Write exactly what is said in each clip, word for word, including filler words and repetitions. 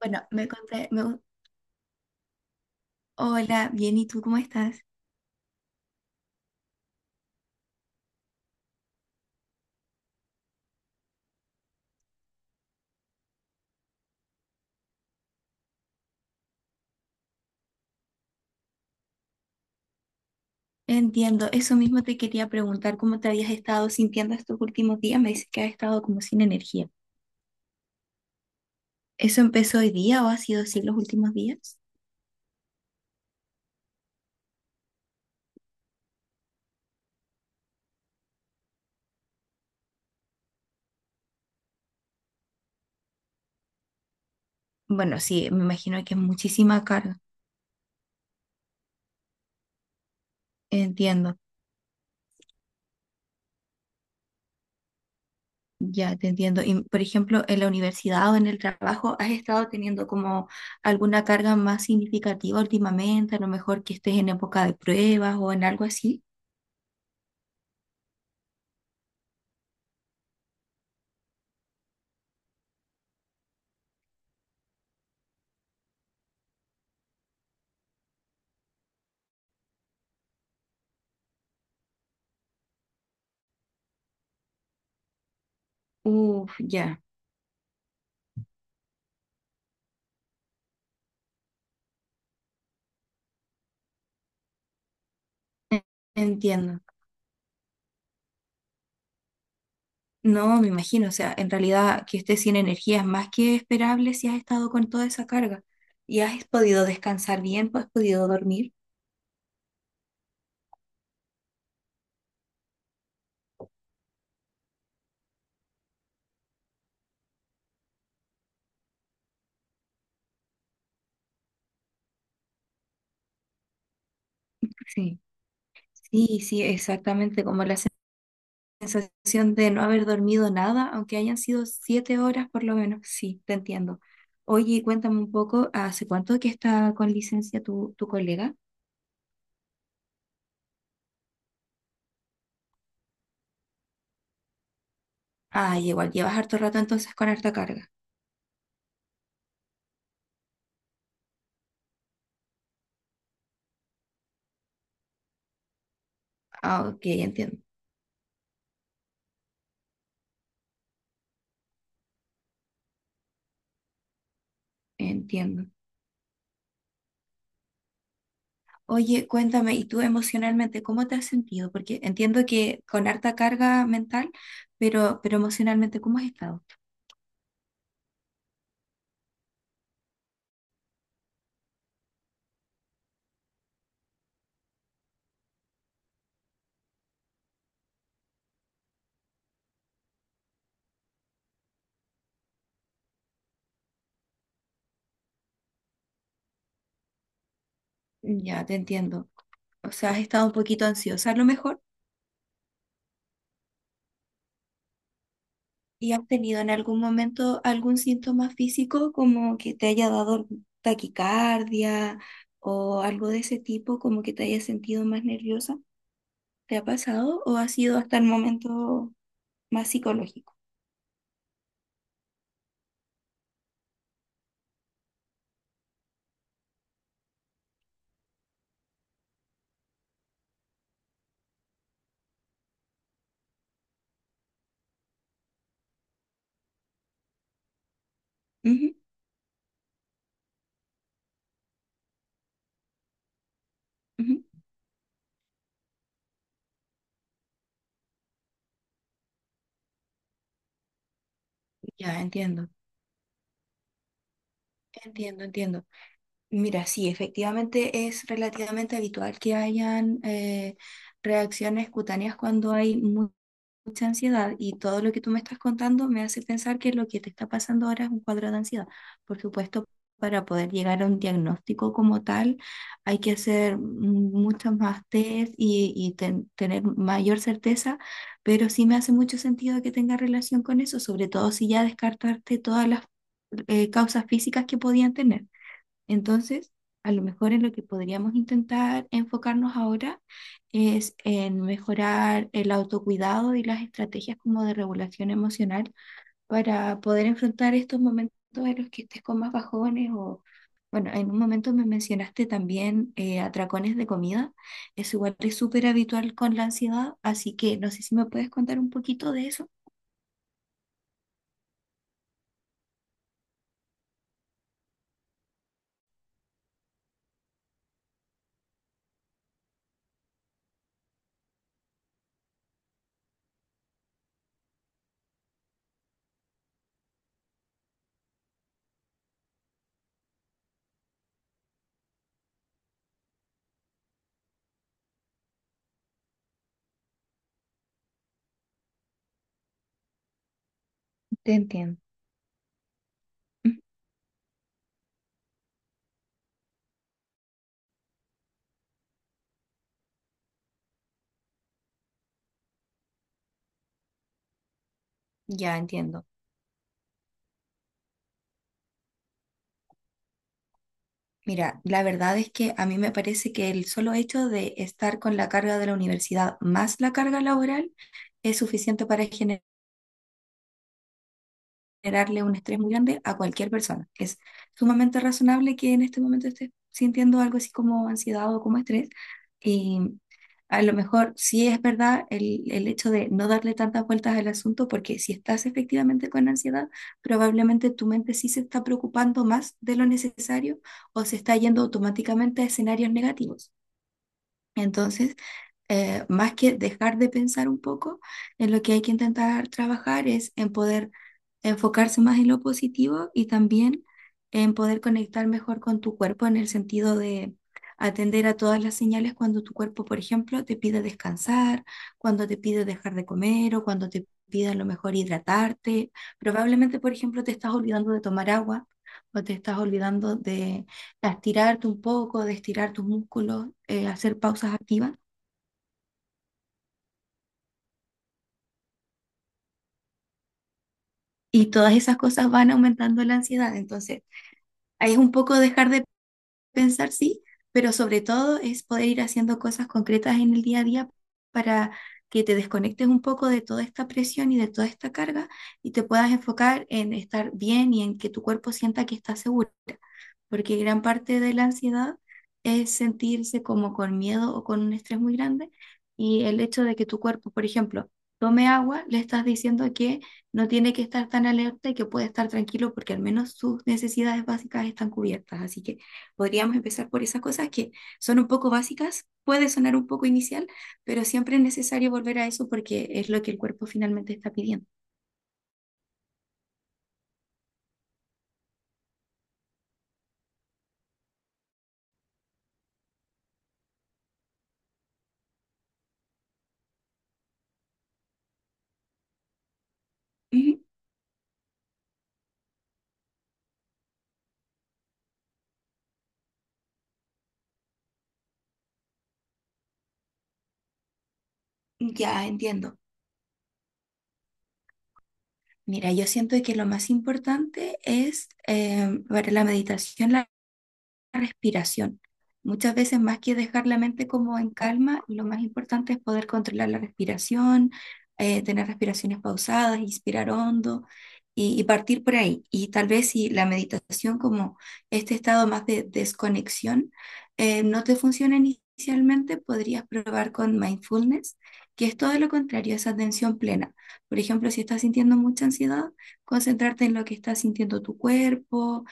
Bueno, me compré, me gu- hola, bien, ¿y tú cómo estás? Entiendo, eso mismo te quería preguntar, ¿cómo te habías estado sintiendo estos últimos días? Me dices que has estado como sin energía. ¿Eso empezó hoy día o ha sido así los últimos días? Bueno, sí, me imagino que es muchísima carga. Entiendo, ya te entiendo. Y, por ejemplo, en la universidad o en el trabajo, ¿has estado teniendo como alguna carga más significativa últimamente? A lo mejor que estés en época de pruebas o en algo así. Uf, ya, en- entiendo. No, me imagino, o sea, en realidad que estés sin energía es más que esperable si has estado con toda esa carga y has podido descansar bien, pues has podido dormir. Sí, sí, sí, exactamente, como la sensación de no haber dormido nada, aunque hayan sido siete horas por lo menos, sí, te entiendo. Oye, cuéntame un poco, ¿hace cuánto que está con licencia tu, tu colega? Ah, igual, llevas harto rato entonces con harta carga. Ah, ok, entiendo, entiendo. Oye, cuéntame, ¿y tú emocionalmente cómo te has sentido? Porque entiendo que con harta carga mental, pero, pero emocionalmente, ¿cómo has estado? Ya, te entiendo. O sea, has estado un poquito ansiosa a lo mejor y has tenido en algún momento algún síntoma físico como que te haya dado taquicardia o algo de ese tipo, como que te hayas sentido más nerviosa. ¿Te ha pasado o ha sido hasta el momento más psicológico? Ujú, ujú. Ya, entiendo, entiendo, entiendo. Mira, sí, efectivamente es relativamente habitual que hayan eh, reacciones cutáneas cuando hay mu- mucha ansiedad y todo lo que tú me estás contando me hace pensar que lo que te está pasando ahora es un cuadro de ansiedad. Por supuesto, para poder llegar a un diagnóstico como tal, hay que hacer muchas más test y, y ten- tener mayor certeza, pero sí me hace mucho sentido que tenga relación con eso, sobre todo si ya descartaste todas las eh, causas físicas que podían tener. Entonces, a lo mejor en lo que podríamos intentar enfocarnos ahora es en mejorar el autocuidado y las estrategias como de regulación emocional para poder enfrentar estos momentos en los que estés con más bajones o, bueno, en un momento me mencionaste también eh, atracones de comida. Eso igual es súper habitual con la ansiedad, así que no sé si me puedes contar un poquito de eso. Te entiendo. Ya entiendo. Mira, la verdad es que a mí me parece que el solo hecho de estar con la carga de la universidad más la carga laboral es suficiente para generar generarle un estrés muy grande a cualquier persona. Es sumamente razonable que en este momento estés sintiendo algo así como ansiedad o como estrés. Y a lo mejor sí es verdad el, el hecho de no darle tantas vueltas al asunto, porque si estás efectivamente con ansiedad, probablemente tu mente sí se está preocupando más de lo necesario o se está yendo automáticamente a escenarios negativos. Entonces, eh, más que dejar de pensar un poco, en lo que hay que intentar trabajar es en poder enfocarse más en lo positivo y también en poder conectar mejor con tu cuerpo en el sentido de atender a todas las señales cuando tu cuerpo, por ejemplo, te pide descansar, cuando te pide dejar de comer o cuando te pide a lo mejor hidratarte. Probablemente, por ejemplo, te estás olvidando de tomar agua o te estás olvidando de a estirarte un poco, de estirar tus músculos, eh, hacer pausas activas. Y todas esas cosas van aumentando la ansiedad. Entonces, ahí es un poco dejar de pensar, sí, pero sobre todo es poder ir haciendo cosas concretas en el día a día para que te desconectes un poco de toda esta presión y de toda esta carga y te puedas enfocar en estar bien y en que tu cuerpo sienta que está seguro. Porque gran parte de la ansiedad es sentirse como con miedo o con un estrés muy grande y el hecho de que tu cuerpo, por ejemplo, tome agua, le estás diciendo que no tiene que estar tan alerta y que puede estar tranquilo porque al menos sus necesidades básicas están cubiertas. Así que podríamos empezar por esas cosas que son un poco básicas, puede sonar un poco inicial, pero siempre es necesario volver a eso porque es lo que el cuerpo finalmente está pidiendo. Ujú. Ya entiendo. Mira, yo siento que lo más importante es eh, para la meditación, la respiración. Muchas veces más que dejar la mente como en calma, lo más importante es poder controlar la respiración, eh, tener respiraciones pausadas, inspirar hondo y, y partir por ahí. Y tal vez si la meditación como este estado más de desconexión eh, no te funciona inicialmente, podrías probar con mindfulness, que es todo lo contrario, esa atención plena. Por ejemplo, si estás sintiendo mucha ansiedad, concentrarte en lo que está sintiendo tu cuerpo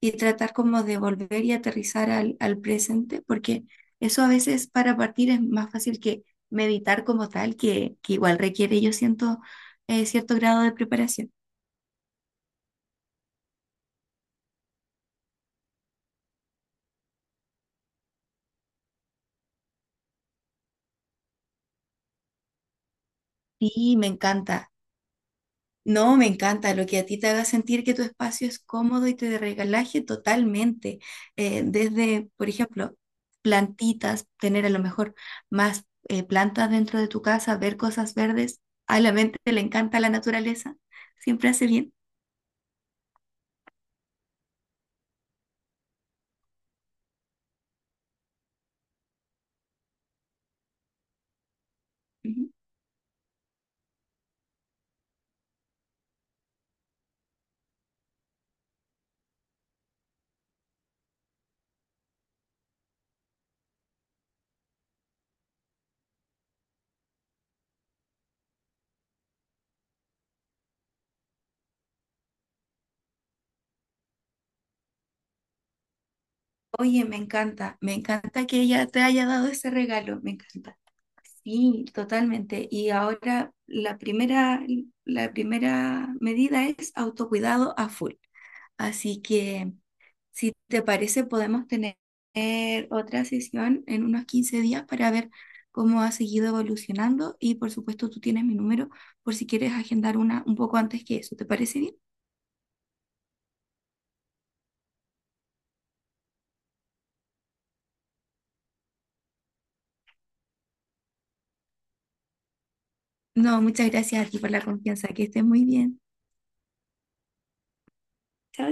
y tratar como de volver y aterrizar al, al presente, porque eso a veces para partir es más fácil que meditar como tal, que, que igual requiere, yo siento, eh, cierto grado de preparación. Sí, me encanta. No, me encanta lo que a ti te haga sentir que tu espacio es cómodo y te regalaje totalmente. Eh, desde, por ejemplo, plantitas, tener a lo mejor más eh, plantas dentro de tu casa, ver cosas verdes. A la mente le encanta la naturaleza, siempre hace bien. Ujú. Oye, me encanta, me encanta que ella te haya dado ese regalo, me encanta. Sí, totalmente. Y ahora la primera, la primera medida es autocuidado a full. Así que, si te parece, podemos tener otra sesión en unos quince días para ver cómo ha seguido evolucionando. Y por supuesto, tú tienes mi número por si quieres agendar una un poco antes que eso. ¿Te parece bien? No, muchas gracias a ti por la confianza. Que estés muy bien. Chao.